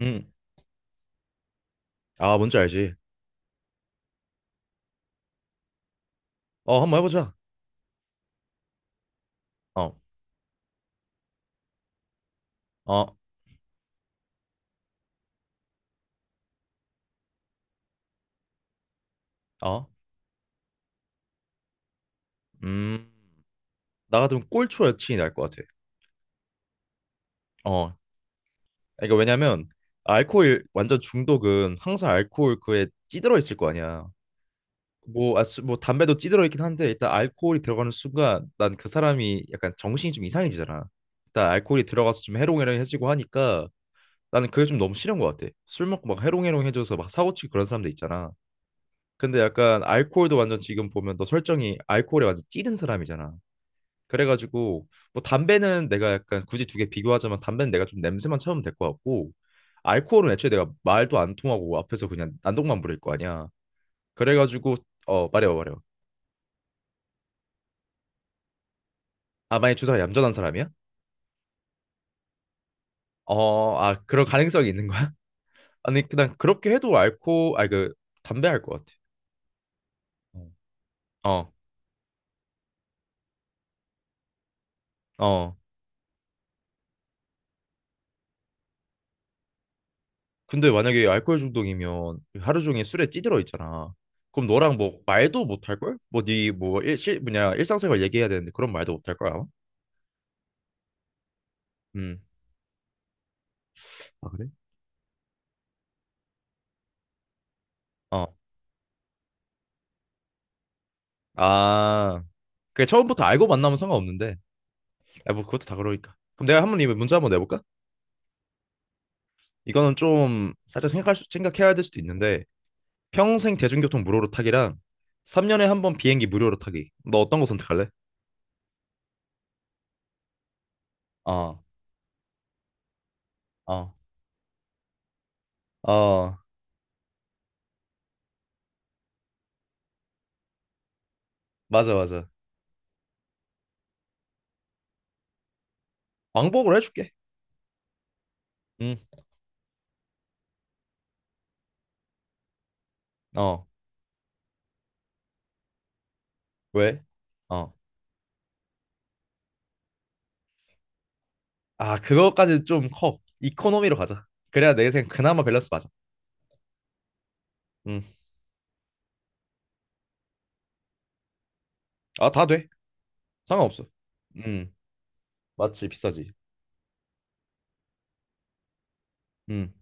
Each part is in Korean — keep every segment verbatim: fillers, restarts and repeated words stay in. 음. 아, 뭔지 알지. 어, 한번 해보자. 어, 어, 어. 음. 나 같으면 꼴초 여친이 날 것 같아. 어. 그러니까 왜냐면 알코올 완전 중독은 항상 알코올 그에 찌들어 있을 거 아니야. 뭐, 아, 수, 뭐 담배도 찌들어 있긴 한데 일단 알코올이 들어가는 순간 난 그 사람이 약간 정신이 좀 이상해지잖아. 일단 알코올이 들어가서 좀 해롱해롱해지고 하니까 나는 그게 좀 너무 싫은 것 같아. 술 먹고 막 해롱해롱해져서 막 사고치고 그런 사람들 있잖아. 근데 약간 알코올도 완전 지금 보면 너 설정이 알코올에 완전 찌든 사람이잖아. 그래가지고 뭐 담배는 내가 약간 굳이 두 개 비교하자면 담배는 내가 좀 냄새만 참으면 될 것 같고 알코올은 애초에 내가 말도 안 통하고 앞에서 그냥 난동만 부릴 거 아니야. 그래가지고 어, 말해봐 말해봐. 아, 만약 주사가 얌전한 사람이야? 어, 아 그런 가능성이 있는 거야? 아니, 그냥 그렇게 해도 알코 아그 담배 할 것 같아. 어 어. 어. 근데 만약에 알코올 중독이면 하루 종일 술에 찌들어 있잖아. 그럼 너랑 뭐 말도 못 할 걸? 뭐 네 뭐일실 뭐냐 일상생활 얘기해야 되는데 그런 말도 못 할 거야. 아마? 음. 아, 그래? 어. 아. 그게 처음부터 알고 만나면 상관없는데. 아, 뭐 그것도 다 그러니까. 그럼 내가 한번 이 문제 한번 내볼까? 이거는 좀 살짝 생각할 수, 생각해야 될 수도 있는데 평생 대중교통 무료로 타기랑 삼 년에 한번 비행기 무료로 타기. 너 어떤 거 선택할래? 어. 어. 어. 맞아 맞아. 왕복으로 해줄게. 응. 어. 왜? 어. 아, 그거까지 좀 커. 이코노미로 가자. 그래야 내 생각 그나마 밸런스 맞아. 음. 아, 다 돼. 상관없어. 음. 맞지, 비싸지. 음.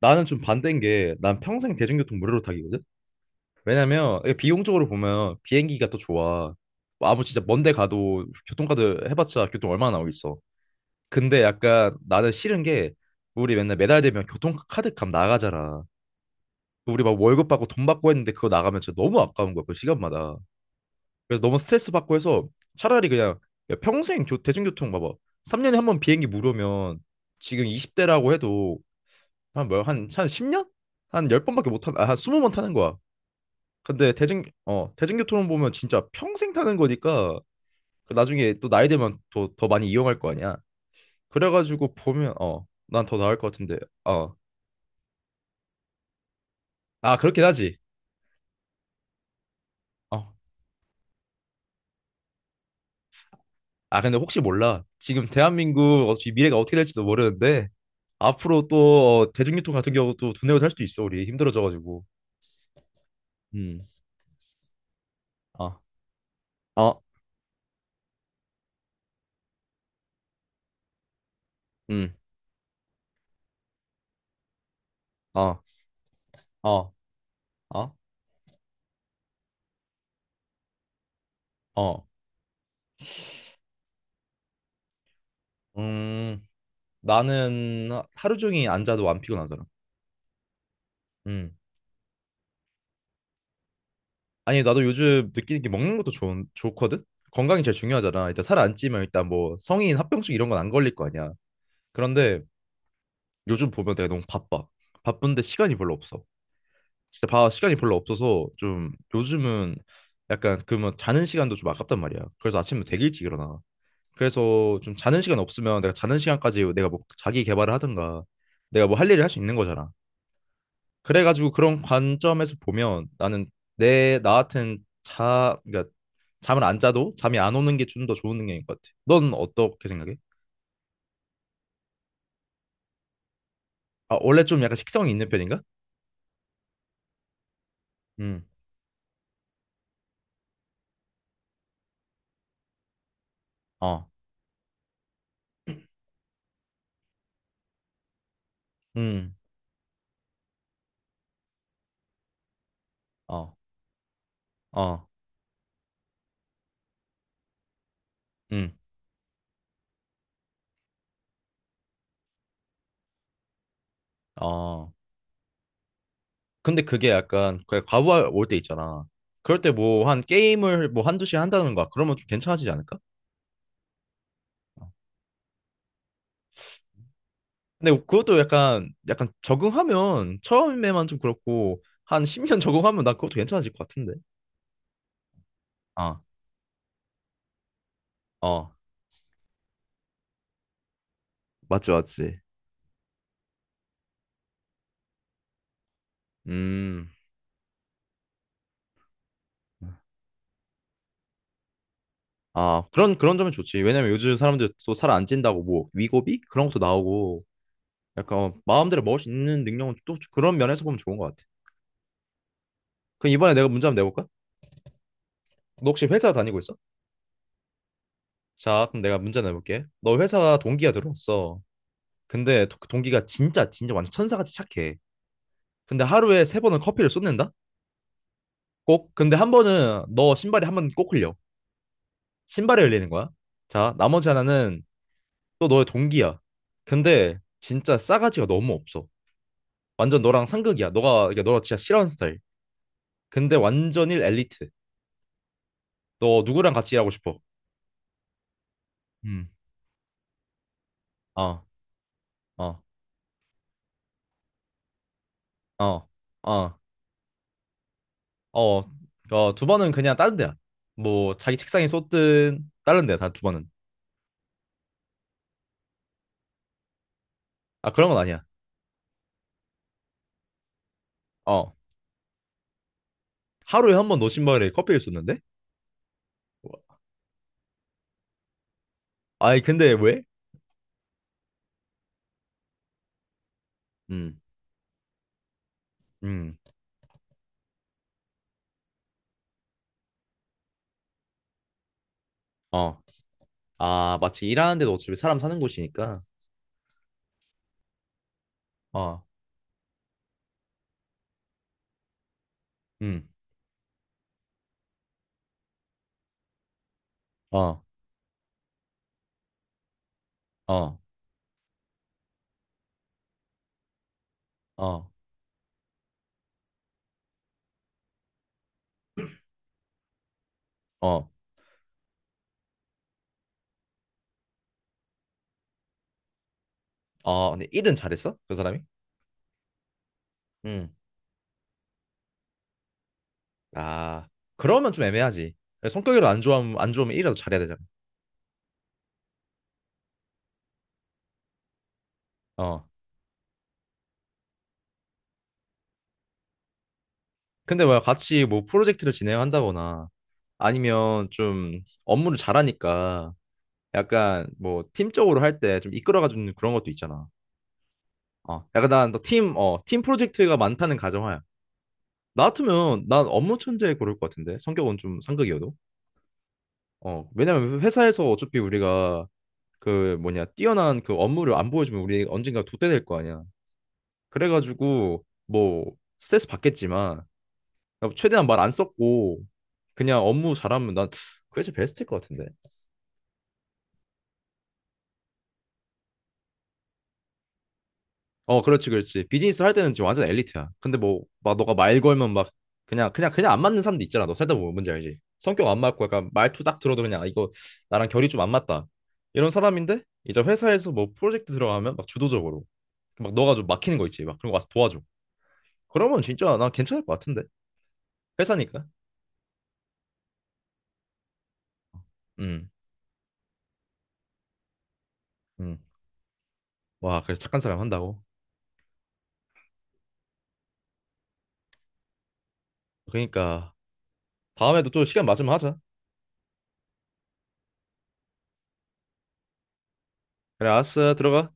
나는 좀 반대인 게 난 평생 대중교통 무료로 타기거든. 왜냐면 이게 비용적으로 보면 비행기가 더 좋아. 뭐 아무 진짜 먼데 가도 교통카드 해봤자 교통 얼마나 나오겠어. 근데 약간 나는 싫은 게 우리 맨날 매달 되면 교통카드 값 나가잖아. 우리 막 월급 받고 돈 받고 했는데 그거 나가면 진짜 너무 아까운 거야, 그 시간마다. 그래서 너무 스트레스 받고 해서 차라리 그냥 야, 평생 교, 대중교통 봐봐. 삼 년에 한 번 비행기 무료면 지금 이십 대라고 해도 한 뭐야 한한 십 년? 한 열 번밖에 못 타는 아한 스무 번 타는 거야. 근데 대중 어 대중교통은 보면 진짜 평생 타는 거니까 그 나중에 또 나이 되면 더 더 많이 이용할 거 아니야. 그래가지고 보면 어, 난 더 나을 것 같은데. 어, 아 그렇긴 하지. 어, 아 근데 혹시 몰라 지금 대한민국 어차피 미래가 어떻게 될지도 모르는데 앞으로 또 어, 대중교통 같은 경우도 돈 내고 살 수도 있어 우리 힘들어져가지고. 음, 어, 어, 음, 어, 어, 어, 어. 음. 나는 하- 하루 종일 앉아도 안 피곤하잖아. 음. 아니, 나도 요즘 느끼는 게 먹는 것도 좋은 좋거든 건강이 제일 중요하잖아. 일단 살 안 찌면 일단 뭐 성인 합병증 이런 건 안 걸릴 거 아니야. 그런데 요즘 보면 내가 너무 바빠. 바쁜데 시간이 별로 없어. 진짜 봐, 시간이 별로 없어서 좀 요즘은 약간 그러면 자는 시간도 좀 아깝단 말이야. 그래서 아침에 되게 일찍 일어나. 그래서 좀 자는 시간 없으면 내가 자는 시간까지 내가 뭐 자기 개발을 하든가 내가 뭐 할 일을 할 수 있는 거잖아. 그래가지고 그런 관점에서 보면 나는 내 나 같은 자 그러니까 잠을 안 자도 잠이 안 오는 게 좀 더 좋은 능력인 것 같아. 넌 어떻게 생각해? 아, 원래 좀 약간 식성이 있는 편인가? 음, 어, 음, 어, 어, 음, 어. 근데 그게 약간 그냥 과부하 올 때 있잖아. 그럴 때 뭐 한 게임을 뭐 한두 시간 한다는 거야. 그러면 좀 괜찮아지지 않을까? 어. 근데 그것도 약간 약간 적응하면 처음에만 좀 그렇고 한 십 년 적응하면 나 그것도 괜찮아질 것 같은데. 아, 어, 맞지, 맞지. 음. 아, 그런 그런 점은 좋지. 왜냐면 요즘 사람들 또 살 안 찐다고 뭐 위고비 그런 것도 나오고 약간 마음대로 먹을 수 있는 능력은 또 그런 면에서 보면 좋은 것 같아. 그럼 이번에 내가 문제 한번 내볼까? 너 혹시 회사 다니고 있어? 자, 그럼 내가 문제 내볼게. 너 회사 동기가 들어왔어. 근데 도- 그 동기가 진짜 진짜 완전 천사같이 착해. 근데 하루에 세 번은 커피를 쏟는다? 꼭. 근데 한 번은 너 신발이 한 번 꼭 흘려. 신발에 흘리는 거야. 자, 나머지 하나는 또 너의 동기야. 근데 진짜 싸가지가 너무 없어. 완전 너랑 상극이야. 너가 그러니까 너가 진짜 싫어하는 스타일. 근데 완전일 엘리트. 너 누구랑 같이 일하고 싶어? 음. 어, 어, 어, 어. 어, 어, 두 번은 그냥 다른 데야. 뭐 자기 책상에 쏟든 다른 데야 다 두 번은. 아, 그런 건 아니야. 어, 하루에 한 번 노신발에 커피를 쏟는데? 아니 근데 왜? 음, 음, 어, 아 마치 일하는 데도 어차피 사람 사는 곳이니까. 어, 음, 어, 어, 어, 어, 어. 근데 일은 잘했어? 그 사람이? 음, 아 그러면 좀 애매하지. 성격이라안 좋아면안 좋으면 일이라도 잘해야 되잖아. 어. 근데 뭐 같이 뭐 프로젝트를 진행한다거나 아니면 좀 업무를 잘하니까 약간 뭐 팀적으로 할 때 좀 이끌어가주는 그런 것도 있잖아. 어, 약간 난 너 팀, 어, 팀 프로젝트가 많다는 가정하야. 나 같으면 난 업무 천재 고를 것 같은데 성격은 좀 상극이어도. 어, 왜냐면 회사에서 어차피 우리가 그 뭐냐 뛰어난 그 업무를 안 보여주면 우리 언젠가 도태될 거 아니야. 그래가지고 뭐 스트레스 받겠지만 최대한 말 안 썼고 그냥 업무 잘하면 난 그게 제일 베스트일 것 같은데. 어, 그렇지, 그렇지. 비즈니스 할 때는 지금 완전 엘리트야. 근데 뭐, 막 너가 말 걸면 막 그냥 그냥 그냥 안 맞는 사람도 있잖아. 너 살다 보면 뭔지 알지? 성격 안 맞고 약간 말투 딱 들어도 그냥 아, 이거 나랑 결이 좀 안 맞다. 이런 사람인데 이제 회사에서 뭐 프로젝트 들어가면 막 주도적으로 막 너가 좀 막히는 거 있지. 막 그런 거 와서 도와줘. 그러면 진짜 난 괜찮을 것 같은데. 회사니까. 음, 음. 와, 그래 착한 사람 한다고. 그러니까 다음에도 또 시간 맞으면 하자. 그래, 알았어. 들어가.